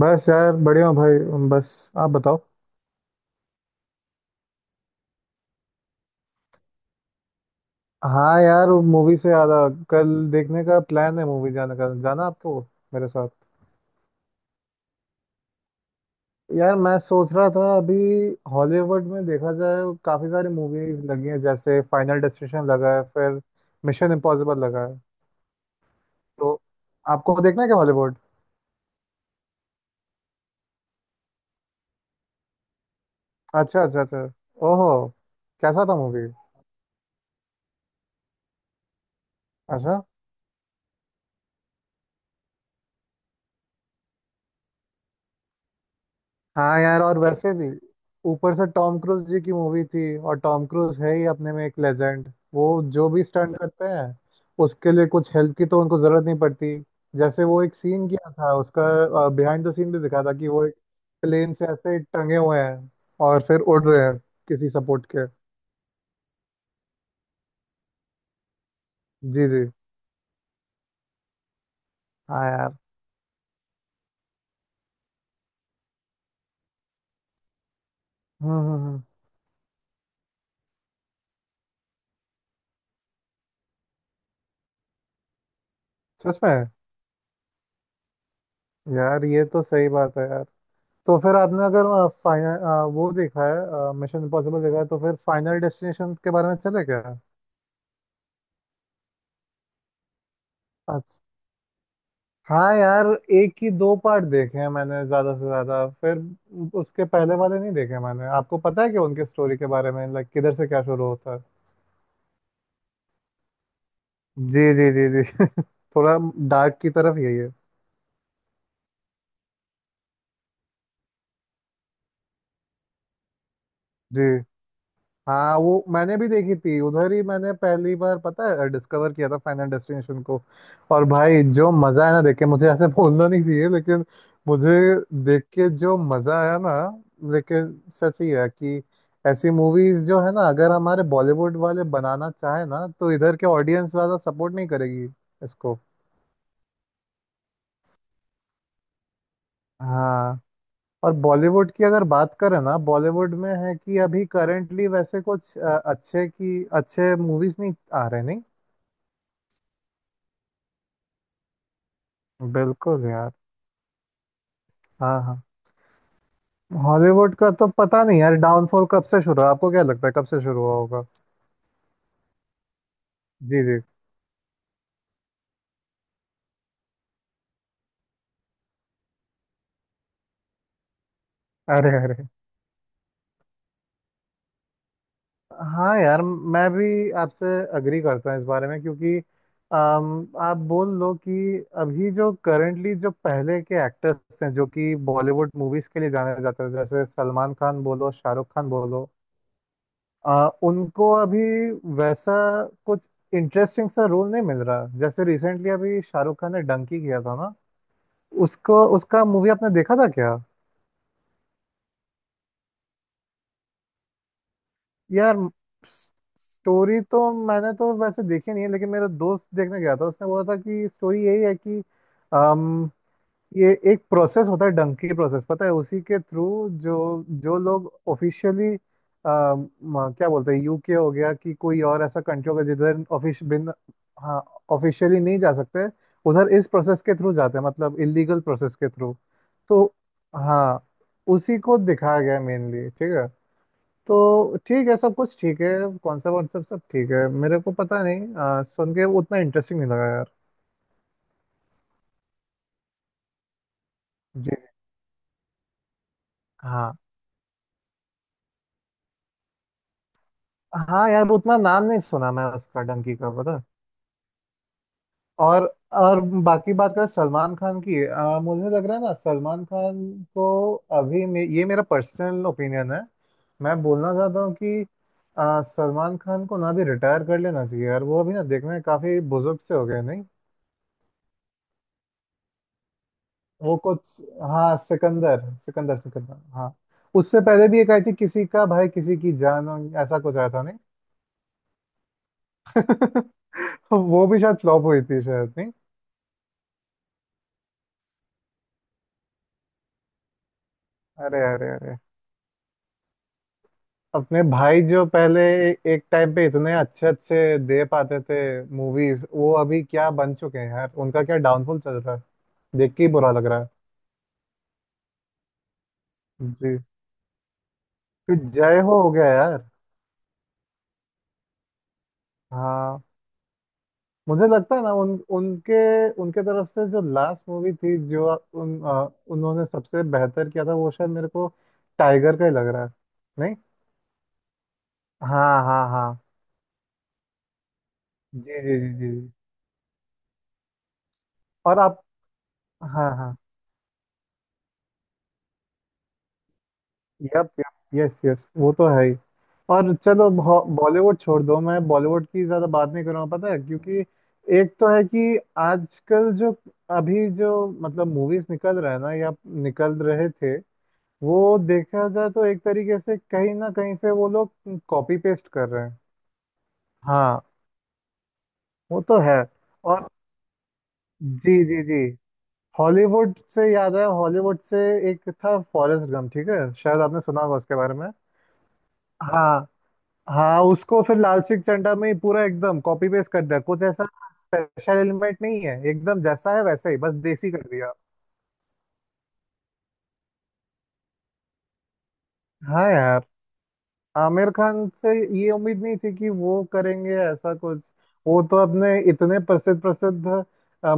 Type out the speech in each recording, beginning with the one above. बस यार बढ़िया हूँ भाई। बस आप बताओ। हाँ यार वो मूवी से याद आ कल देखने का प्लान है मूवी जाने का जाना आपको मेरे साथ। यार मैं सोच रहा था अभी हॉलीवुड में देखा जाए काफ़ी सारी मूवीज लगी हैं जैसे फाइनल डेस्टिनेशन लगा है फिर मिशन इम्पॉसिबल लगा है। तो आपको देखना है क्या हॉलीवुड? अच्छा अच्छा अच्छा। ओहो। कैसा था मूवी? अच्छा। हाँ यार और वैसे भी ऊपर से टॉम क्रूज जी की मूवी थी और टॉम क्रूज है ही अपने में एक लेजेंड। वो जो भी स्टंट करते हैं उसके लिए कुछ हेल्प की तो उनको जरूरत नहीं पड़ती। जैसे वो एक सीन किया था उसका बिहाइंड द सीन भी दिखा था कि वो एक प्लेन से ऐसे टंगे हुए हैं और फिर उड़ रहे हैं किसी सपोर्ट के। जी जी। हाँ यार। हम्म। सच में। यार ये तो सही बात है यार। तो फिर आपने अगर फाइनल वो देखा है मिशन इम्पॉसिबल देखा है तो फिर फाइनल डेस्टिनेशन के बारे में चले क्या? अच्छा। हाँ यार एक ही दो पार्ट देखे हैं मैंने ज्यादा से ज्यादा। फिर उसके पहले वाले नहीं देखे मैंने। आपको पता है कि उनके स्टोरी के बारे में लाइक किधर से क्या शुरू होता है? जी जी जी जी। थोड़ा डार्क की तरफ यही है। जी। हाँ वो मैंने भी देखी थी उधर ही मैंने पहली बार पता है डिस्कवर किया था फाइनल डेस्टिनेशन को। और भाई जो मजा है ना देख के मुझे ऐसे बोलना नहीं चाहिए लेकिन मुझे देख के जो मजा आया ना लेकिन सच ही है कि ऐसी मूवीज जो है ना अगर हमारे बॉलीवुड वाले बनाना चाहे ना तो इधर के ऑडियंस ज्यादा सपोर्ट नहीं करेगी इसको। हाँ। और बॉलीवुड की अगर बात करें ना बॉलीवुड में है कि अभी करेंटली वैसे कुछ अच्छे की अच्छे मूवीज नहीं आ रहे नहीं। बिल्कुल यार। हाँ हाँ। हॉलीवुड का तो पता नहीं यार डाउनफॉल कब से शुरू हुआ? आपको क्या लगता है कब से शुरू हुआ होगा? जी जी। अरे अरे। हाँ यार मैं भी आपसे अग्री करता हूँ इस बारे में क्योंकि आप बोल लो कि अभी जो करंटली जो पहले के एक्टर्स हैं जो कि बॉलीवुड मूवीज के लिए जाने जाते हैं जैसे सलमान खान बोलो शाहरुख खान बोलो उनको अभी वैसा कुछ इंटरेस्टिंग सा रोल नहीं मिल रहा जैसे रिसेंटली अभी शाहरुख खान ने डंकी किया था ना। उसको उसका मूवी आपने देखा था क्या? यार स्टोरी तो मैंने तो वैसे देखी नहीं है लेकिन मेरा दोस्त देखने गया था उसने बोला था कि स्टोरी यही है कि ये एक प्रोसेस होता है डंकी प्रोसेस पता है उसी के थ्रू जो जो लोग ऑफिशियली क्या बोलते हैं यूके हो गया कि कोई और ऐसा कंट्री होगा जिधर ऑफिश बिन। हाँ। ऑफिशियली नहीं जा सकते उधर इस प्रोसेस के थ्रू जाते हैं मतलब इलीगल प्रोसेस के थ्रू। तो हाँ उसी को दिखाया गया मेनली ठीक है तो ठीक है सब कुछ ठीक है कॉन्सेप्ट वॉन्सेप्ट सब ठीक है मेरे को पता नहीं सुन के उतना इंटरेस्टिंग नहीं लगा यार। जी जी। हाँ। हाँ यार वो उतना नाम नहीं सुना मैं उसका डंकी का पता है। और और बाकी बात करें सलमान खान की मुझे लग रहा है ना सलमान खान को अभी ये मेरा पर्सनल ओपिनियन है। मैं बोलना चाहता हूँ कि सलमान खान को ना भी रिटायर कर लेना चाहिए यार वो अभी ना देखने में काफी बुजुर्ग से हो गए नहीं। वो कुछ हाँ सिकंदर सिकंदर सिकंदर हाँ। उससे पहले भी एक आई थी किसी का भाई किसी की जान हो, ऐसा कुछ आया था नहीं। वो भी शायद फ्लॉप हुई थी शायद नहीं। अरे अरे अरे। अपने भाई जो पहले एक टाइम पे इतने अच्छे अच्छे दे पाते थे मूवीज वो अभी क्या बन चुके हैं यार उनका क्या डाउनफॉल चल रहा है देख के ही बुरा लग रहा है। जी। फिर जय हो गया यार। हाँ। मुझे लगता है ना उन उनके उनके तरफ से जो लास्ट मूवी थी जो उन्होंने सबसे बेहतर किया था वो शायद मेरे को टाइगर का ही लग रहा है। नहीं हाँ हाँ हाँ। जी जी जी जी जी। और आप हाँ हाँ यप यप यस यस वो तो है ही। और चलो बॉलीवुड छोड़ दो मैं बॉलीवुड की ज़्यादा बात नहीं करूँगा पता है क्योंकि एक तो है कि आजकल जो अभी जो मतलब मूवीज निकल रहा है ना या निकल रहे थे वो देखा जाए तो एक तरीके से कहीं ना कहीं से वो लोग कॉपी पेस्ट कर रहे हैं। हाँ वो तो है। और जी जी जी हॉलीवुड से याद है हॉलीवुड से एक था फॉरेस्ट गम ठीक है शायद आपने सुना होगा उसके बारे में। हाँ हाँ। उसको फिर लाल सिंह चड्ढा में ही पूरा एकदम कॉपी पेस्ट कर दिया कुछ ऐसा स्पेशल एलिमेंट नहीं है एकदम जैसा है वैसा ही बस देसी कर दिया। हाँ यार आमिर खान से ये उम्मीद नहीं थी कि वो करेंगे ऐसा कुछ। वो तो अपने इतने प्रसिद्ध प्रसिद्ध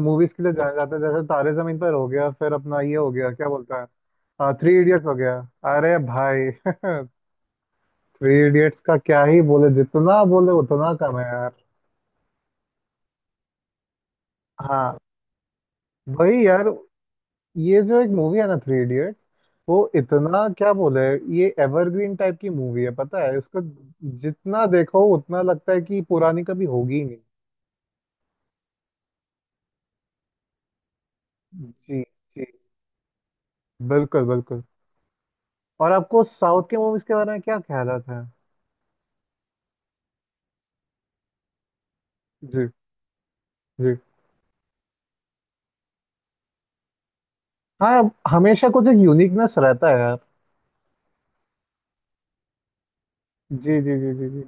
मूवीज के लिए जाने जाते हैं जैसे तारे जमीन पर हो गया फिर अपना ये हो गया क्या बोलता है थ्री इडियट्स हो गया। अरे भाई थ्री इडियट्स का क्या ही बोले जितना बोले उतना कम है यार। हाँ। वही यार। ये जो एक मूवी है ना थ्री इडियट्स वो इतना क्या बोले ये एवरग्रीन टाइप की मूवी है पता है इसको जितना देखो उतना लगता है कि पुरानी कभी होगी ही नहीं। जी जी। बिल्कुल बिल्कुल। और आपको साउथ के मूवीज के बारे में क्या ख्याल आता है? जी जी। हाँ हमेशा कुछ एक यूनिकनेस रहता है यार। जी जी जी जी जी।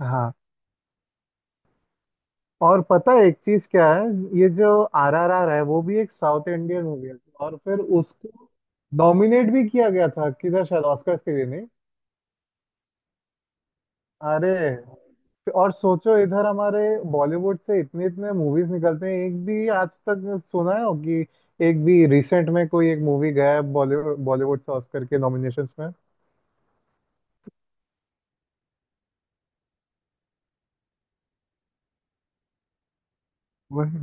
हाँ। और पता है एक चीज क्या है ये जो RRR है वो भी एक साउथ इंडियन मूवी है। और फिर उसको नॉमिनेट भी किया गया था किधर शायद ऑस्कर्स के लिए नहीं? अरे। और सोचो इधर हमारे बॉलीवुड से इतने इतने मूवीज निकलते हैं एक भी आज तक सुना है हो कि एक भी रिसेंट में कोई एक मूवी गया है बॉलीवुड बॉलीवुड से ऑस्कर के नॉमिनेशंस में? वही।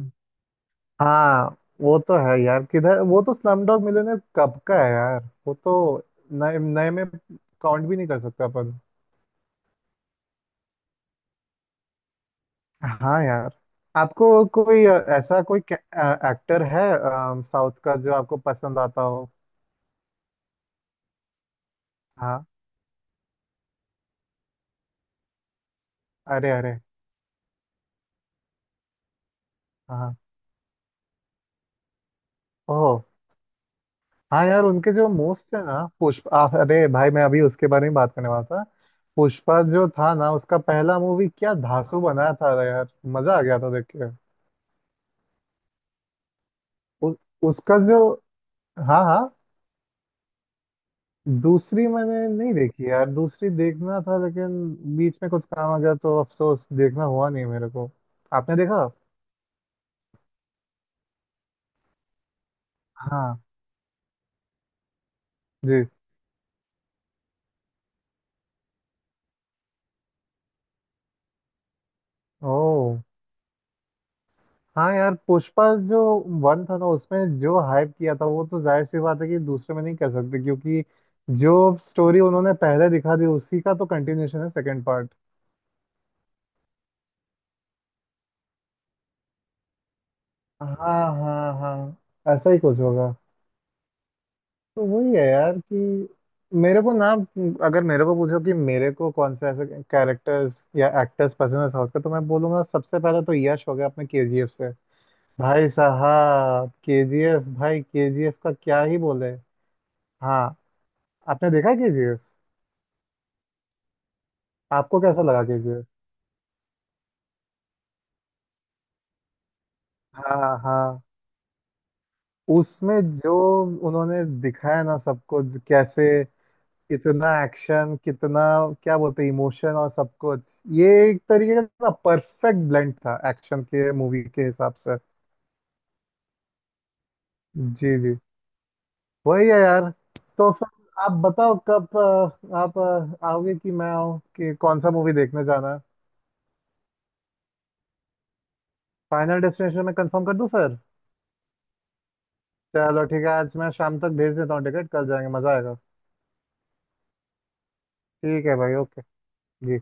हाँ। वो तो है यार किधर वो तो स्लमडॉग मिलियनेयर कब का है यार वो तो नए नए में काउंट भी नहीं कर सकता अपन। हाँ यार। आपको कोई ऐसा कोई एक्टर है साउथ का जो आपको पसंद आता हो? हाँ। अरे अरे। हाँ। ओह। हाँ यार उनके जो मोस्ट है ना पुष्पा अरे भाई मैं अभी उसके बारे में बात करने वाला था। पुष्पा जो था ना उसका पहला मूवी क्या धांसू बनाया था यार। मजा आ गया था देख के। उ, उसका जो हाँ हाँ। दूसरी मैंने नहीं देखी यार दूसरी देखना था लेकिन बीच में कुछ काम आ गया तो अफसोस देखना हुआ नहीं मेरे को। आपने देखा? हाँ। जी। ओ। हाँ यार पुष्पा जो वन था ना उसमें जो हाइप किया था वो तो जाहिर सी बात है कि दूसरे में नहीं कर सकते क्योंकि जो स्टोरी उन्होंने पहले दिखा दी उसी का तो कंटिन्यूशन है सेकंड पार्ट। हाँ हाँ हाँ ऐसा ही कुछ होगा। तो वही है यार कि मेरे को ना अगर मेरे को पूछो कि मेरे को कौन से ऐसे कैरेक्टर्स या एक्टर्स पसंद है साउथ का तो मैं बोलूंगा सबसे पहले तो यश हो गया अपने KGF से। भाई साहब KGF भाई KGF का क्या ही बोले। हाँ। आपने देखा KGF? आपको कैसा लगा KGF? हाँ हाँ। उसमें जो उन्होंने दिखाया ना सबको कैसे कितना एक्शन कितना क्या बोलते हैं इमोशन और सब कुछ। ये एक तरीके का ना परफेक्ट ब्लेंड था एक्शन के मूवी के हिसाब से। जी जी। वही है यार। तो फिर आप बताओ कब आप आओगे कि मैं आऊँ कि कौन सा मूवी देखने जाना है? फाइनल डेस्टिनेशन में कंफर्म कर दूँ फिर? चलो ठीक है आज मैं शाम तक भेज देता हूँ टिकट कल जाएंगे मज़ा आएगा। ठीक है भाई ओके। जी।